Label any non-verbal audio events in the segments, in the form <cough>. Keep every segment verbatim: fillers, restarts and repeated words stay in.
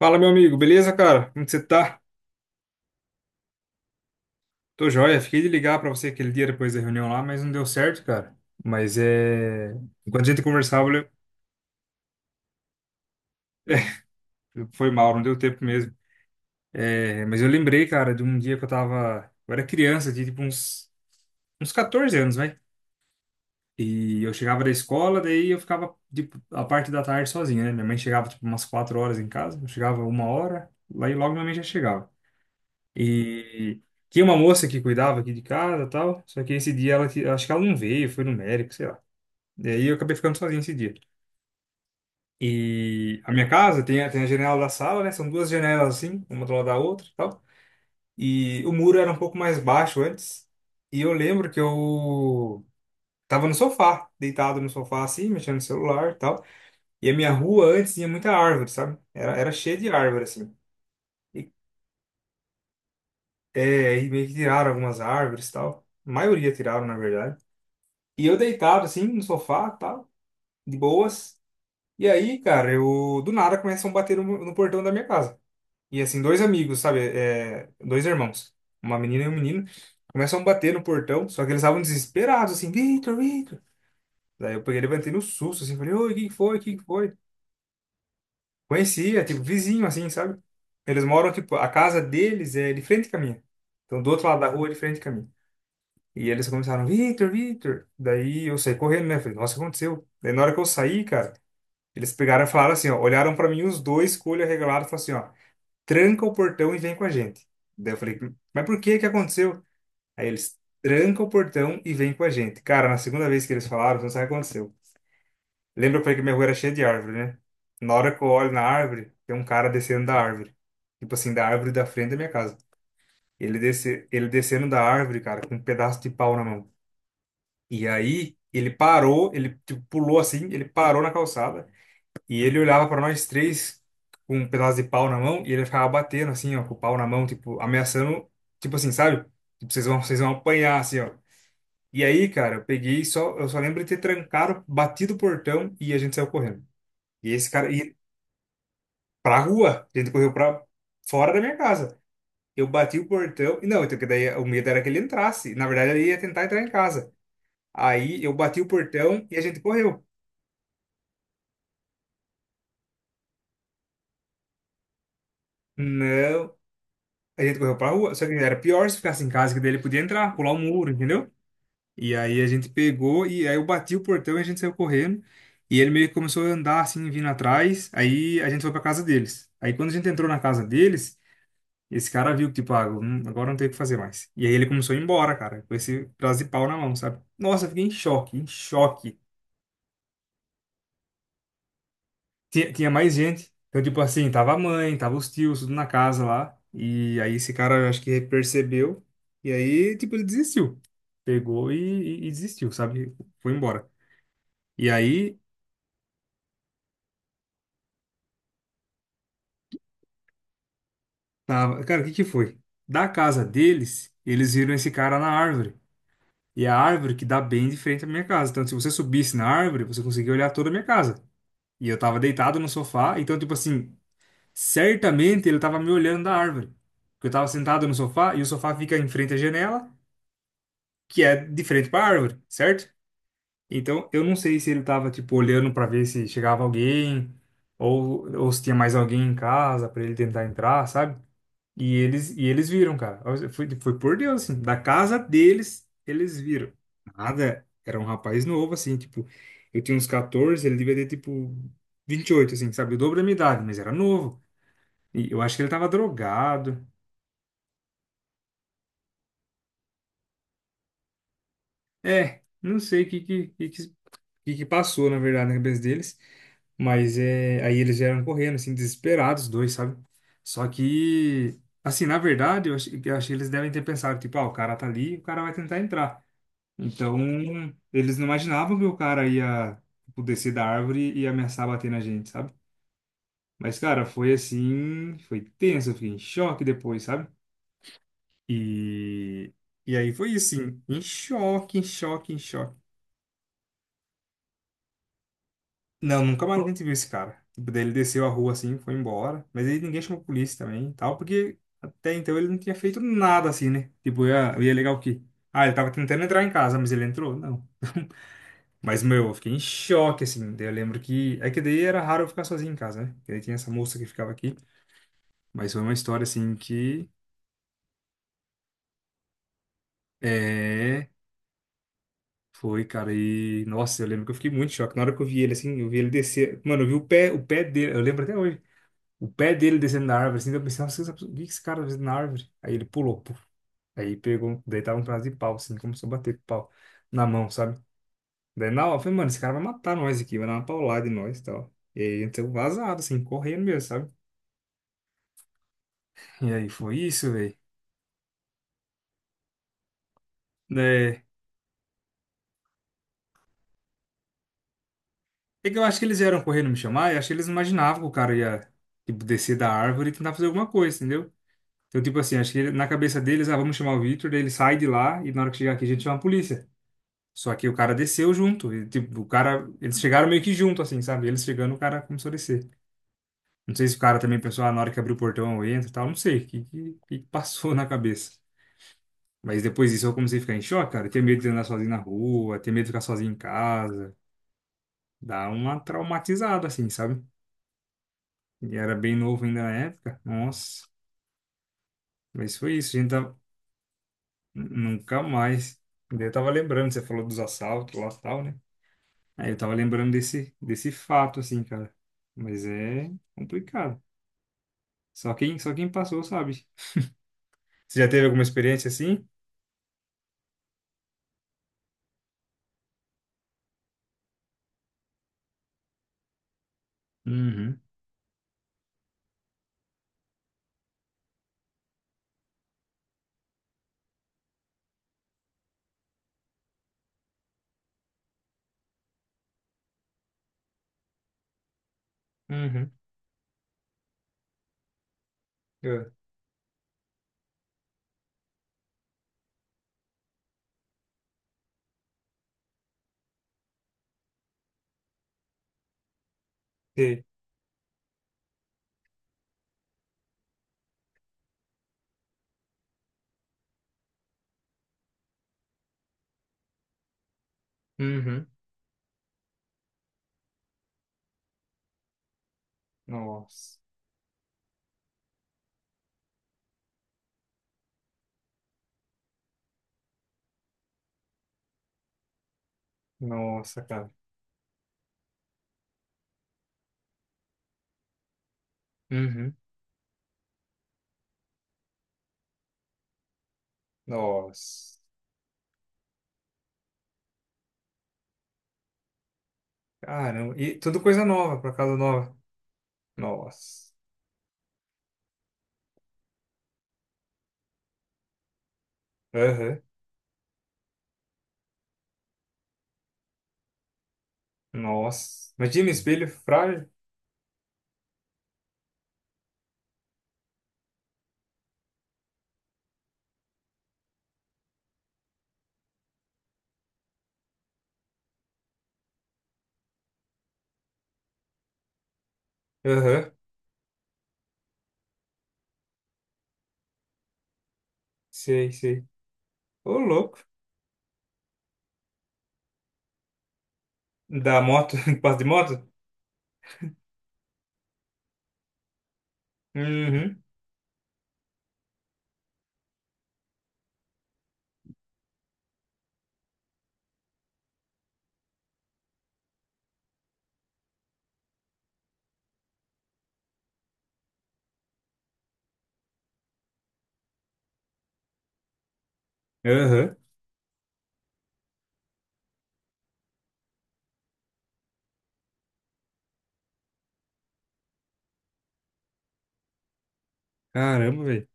Fala, meu amigo, beleza, cara? Como que você tá? Tô joia. Fiquei de ligar pra você aquele dia depois da reunião lá, mas não deu certo, cara. Mas é. Enquanto a gente conversava, eu. <laughs> Foi mal, não deu tempo mesmo. É... Mas eu lembrei, cara, de um dia que eu tava. Eu era criança, tinha tipo uns, uns quatorze anos, vai. E eu chegava da escola, daí eu ficava, tipo, a parte da tarde sozinho, né? Minha mãe chegava, tipo, umas quatro horas em casa, eu chegava uma hora, lá e logo minha mãe já chegava. E tinha uma moça que cuidava aqui de casa e tal. Só que esse dia ela, que- acho que ela não veio, foi no médico, sei lá. Daí eu acabei ficando sozinho esse dia. E a minha casa tem, a- tem a janela da sala, né? São duas janelas assim, uma do lado da outra e tal. E o muro era um pouco mais baixo antes. E eu lembro que eu tava no sofá, deitado no sofá assim, mexendo no celular e tal. E a minha rua antes tinha muita árvore, sabe? Era, era cheia de árvore assim. E, é, e meio que tiraram algumas árvores e tal. A maioria tiraram, na verdade. E eu deitado, assim, no sofá, tal, de boas. E aí, cara, eu do nada começam a bater no, no portão da minha casa. E assim, dois amigos, sabe? É, dois irmãos, uma menina e um menino, começam a bater no portão, só que eles estavam desesperados, assim, Victor, Victor. Daí eu peguei, levantei no susto, assim, falei, oi, o que que foi? O que que foi? Conhecia, tipo, vizinho, assim, sabe? Eles moram, tipo, a casa deles é de frente com a minha. Então, do outro lado da rua, é de frente com a minha. E eles começaram, Victor, Victor. Daí eu saí correndo, né? Falei, nossa, o que aconteceu? Daí na hora que eu saí, cara. Eles pegaram e falaram assim, ó, olharam pra mim os dois com o olho arregalado e falaram assim, ó, tranca o portão e vem com a gente. Daí eu falei, mas por que que aconteceu? Aí eles tranca o portão e vem com a gente. Cara, na segunda vez que eles falaram, você não sabe o que aconteceu. Lembra que eu falei que minha rua era cheia de árvore, né? Na hora que eu olho na árvore, tem um cara descendo da árvore. Tipo assim, da árvore da frente da minha casa. Ele desce, ele descendo da árvore, cara, com um pedaço de pau na mão. E aí, ele parou, ele tipo, pulou assim, ele parou na calçada. E ele olhava pra nós três com um pedaço de pau na mão e ele ficava batendo assim, ó, com o pau na mão, tipo, ameaçando, tipo assim, sabe? Tipo, vocês vão, vocês vão apanhar, assim, ó. E aí, cara, eu peguei só, eu só lembro de ter trancado, batido o portão e a gente saiu correndo. E esse cara, e pra rua, a gente correu pra fora da minha casa. Eu bati o portão, e não, então que daí o medo era que ele entrasse. Na verdade, ele ia tentar entrar em casa. Aí eu bati o portão e a gente correu. Não. A gente correu pra rua, só que era pior se ficasse em casa, que daí ele podia entrar, pular o muro, entendeu? E aí a gente pegou, e aí eu bati o portão e a gente saiu correndo. E ele meio que começou a andar assim, vindo atrás. Aí a gente foi pra casa deles. Aí quando a gente entrou na casa deles, esse cara viu que, tipo, ah, hum, agora não tem o que fazer mais. E aí ele começou a ir embora, cara, com esse pedaço de pau na mão, sabe? Nossa, eu fiquei em choque, em choque. Tinha, tinha mais gente. Então, tipo assim, tava a mãe, tava os tios, tudo na casa lá. E aí esse cara, eu acho que percebeu. E aí, tipo, ele desistiu. Pegou e, e- e desistiu, sabe? Foi embora. E aí, tava. Cara, o que que foi? Da casa deles, eles viram esse cara na árvore. E a árvore que dá bem de frente à minha casa. Então, se você subisse na árvore, você conseguia olhar toda a minha casa. E eu tava deitado no sofá. Então, tipo assim, certamente ele tava me olhando da árvore. Porque eu tava sentado no sofá e o sofá fica em frente à janela, que é de frente para a árvore, certo? Então, eu não sei se ele tava, tipo, olhando para ver se chegava alguém ou, ou se tinha mais alguém em casa para ele tentar entrar, sabe? E eles, e eles viram, cara. Foi, foi por Deus, assim. Da casa deles, eles viram. Nada. Era um rapaz novo, assim, tipo. Eu tinha uns quatorze, ele devia ter, tipo, vinte e oito, assim, sabe? O dobro da minha idade, mas era novo. E eu acho que ele tava drogado. É, não sei o que que, que, que que que passou, na verdade, na cabeça deles. Mas é, aí eles vieram correndo, assim, desesperados, os dois, sabe? Só que, assim, na verdade, eu achei, eu achei que eles devem ter pensado, tipo, ah, o cara tá ali, o cara vai tentar entrar. Então, eles não imaginavam que o cara ia, tipo, descer da árvore e ameaçar bater na gente, sabe? Mas, cara, foi assim, foi tenso, eu fiquei em choque depois, sabe? E, e aí foi isso, sim em choque, em choque, em choque. Não, nunca mais a Pô, gente viu esse cara. Tipo, daí ele desceu a rua assim, foi embora. Mas aí ninguém chamou a polícia também e tal, porque até então ele não tinha feito nada assim, né? Tipo, ia, ia legal o quê? Ah, ele tava tentando entrar em casa, mas ele entrou? Não. <laughs> Mas, meu, eu fiquei em choque, assim. Daí eu lembro que. É que daí era raro eu ficar sozinho em casa, né? Porque daí tinha essa moça que ficava aqui. Mas foi uma história, assim, que. É. Foi, cara. E. Nossa, eu lembro que eu fiquei muito em choque. Na hora que eu vi ele, assim, eu vi ele descer. Mano, eu vi o pé, o pé dele. Eu lembro até hoje. O pé dele descendo na árvore, assim, eu pensei, nossa, essa pessoa- o que que esse cara tá fazendo na árvore? Aí ele pulou, puf. Aí pegou, daí tava um pedaço de pau, assim, começou a bater com o pau na mão, sabe? Daí na hora eu falei, mano, esse cara vai matar nós aqui, vai dar uma paulada em nós e tal. E aí então vazado, assim, correndo mesmo, sabe? E aí foi isso, velho. É, é que eu acho que eles vieram correndo me chamar, e acho que eles não imaginavam que o cara ia, tipo, descer da árvore e tentar fazer alguma coisa, entendeu? Então, tipo assim, acho que na cabeça deles, ah, vamos chamar o Victor, daí ele sai de lá e na hora que chegar aqui a gente chama a polícia. Só que o cara desceu junto. E, tipo, o cara. Eles chegaram meio que junto, assim, sabe? Eles chegando, o cara começou a descer. Não sei se o cara também pensou, ah, na hora que abriu o portão eu entro e tal. Não sei. O que, que, que passou <laughs> na cabeça? Mas depois disso eu comecei a ficar em choque, cara. Ter medo de andar sozinho na rua, ter medo de ficar sozinho em casa. Dá uma traumatizada, assim, sabe? E era bem novo ainda na época. Nossa. Mas foi isso. A gente tá. Nunca mais. Daí eu tava lembrando, você falou dos assaltos lá e tal, né? Aí eu tava lembrando desse, desse fato, assim, cara. Mas é complicado. Só quem, só quem passou sabe. Você já teve alguma experiência assim? Uhum. Uhum. Eu sei. Uhum. Nossa. Nossa, cara. Uhum. Nossa. Caramba. E tudo coisa nova, pra casa nova. Nossa. Aham. Nossa. Imagina espelho frágil. Aham. Sei, sei. Ô, louco. Da moto, <laughs> passa de moto? Uhum. Aham. Caramba, velho.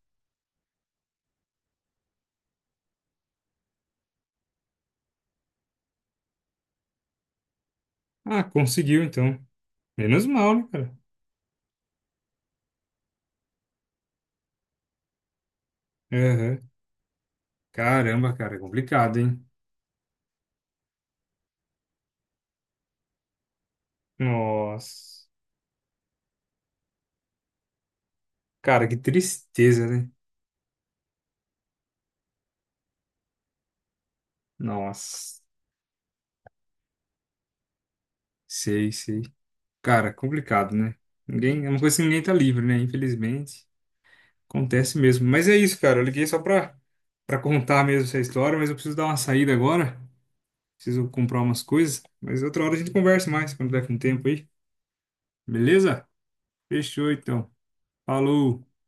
Ah, conseguiu então. Menos mal, né, cara? Aham. Caramba, cara, é complicado, hein? Nossa. Cara, que tristeza, né? Nossa. Sei, sei. Cara, complicado, né? Ninguém, é uma coisa que ninguém tá livre, né? Infelizmente. Acontece mesmo. Mas é isso, cara. Eu liguei só pra, pra contar mesmo essa história, mas eu preciso dar uma saída agora. Preciso comprar umas coisas. Mas outra hora a gente conversa mais, quando tiver com tempo aí. Beleza? Fechou, então. Falou.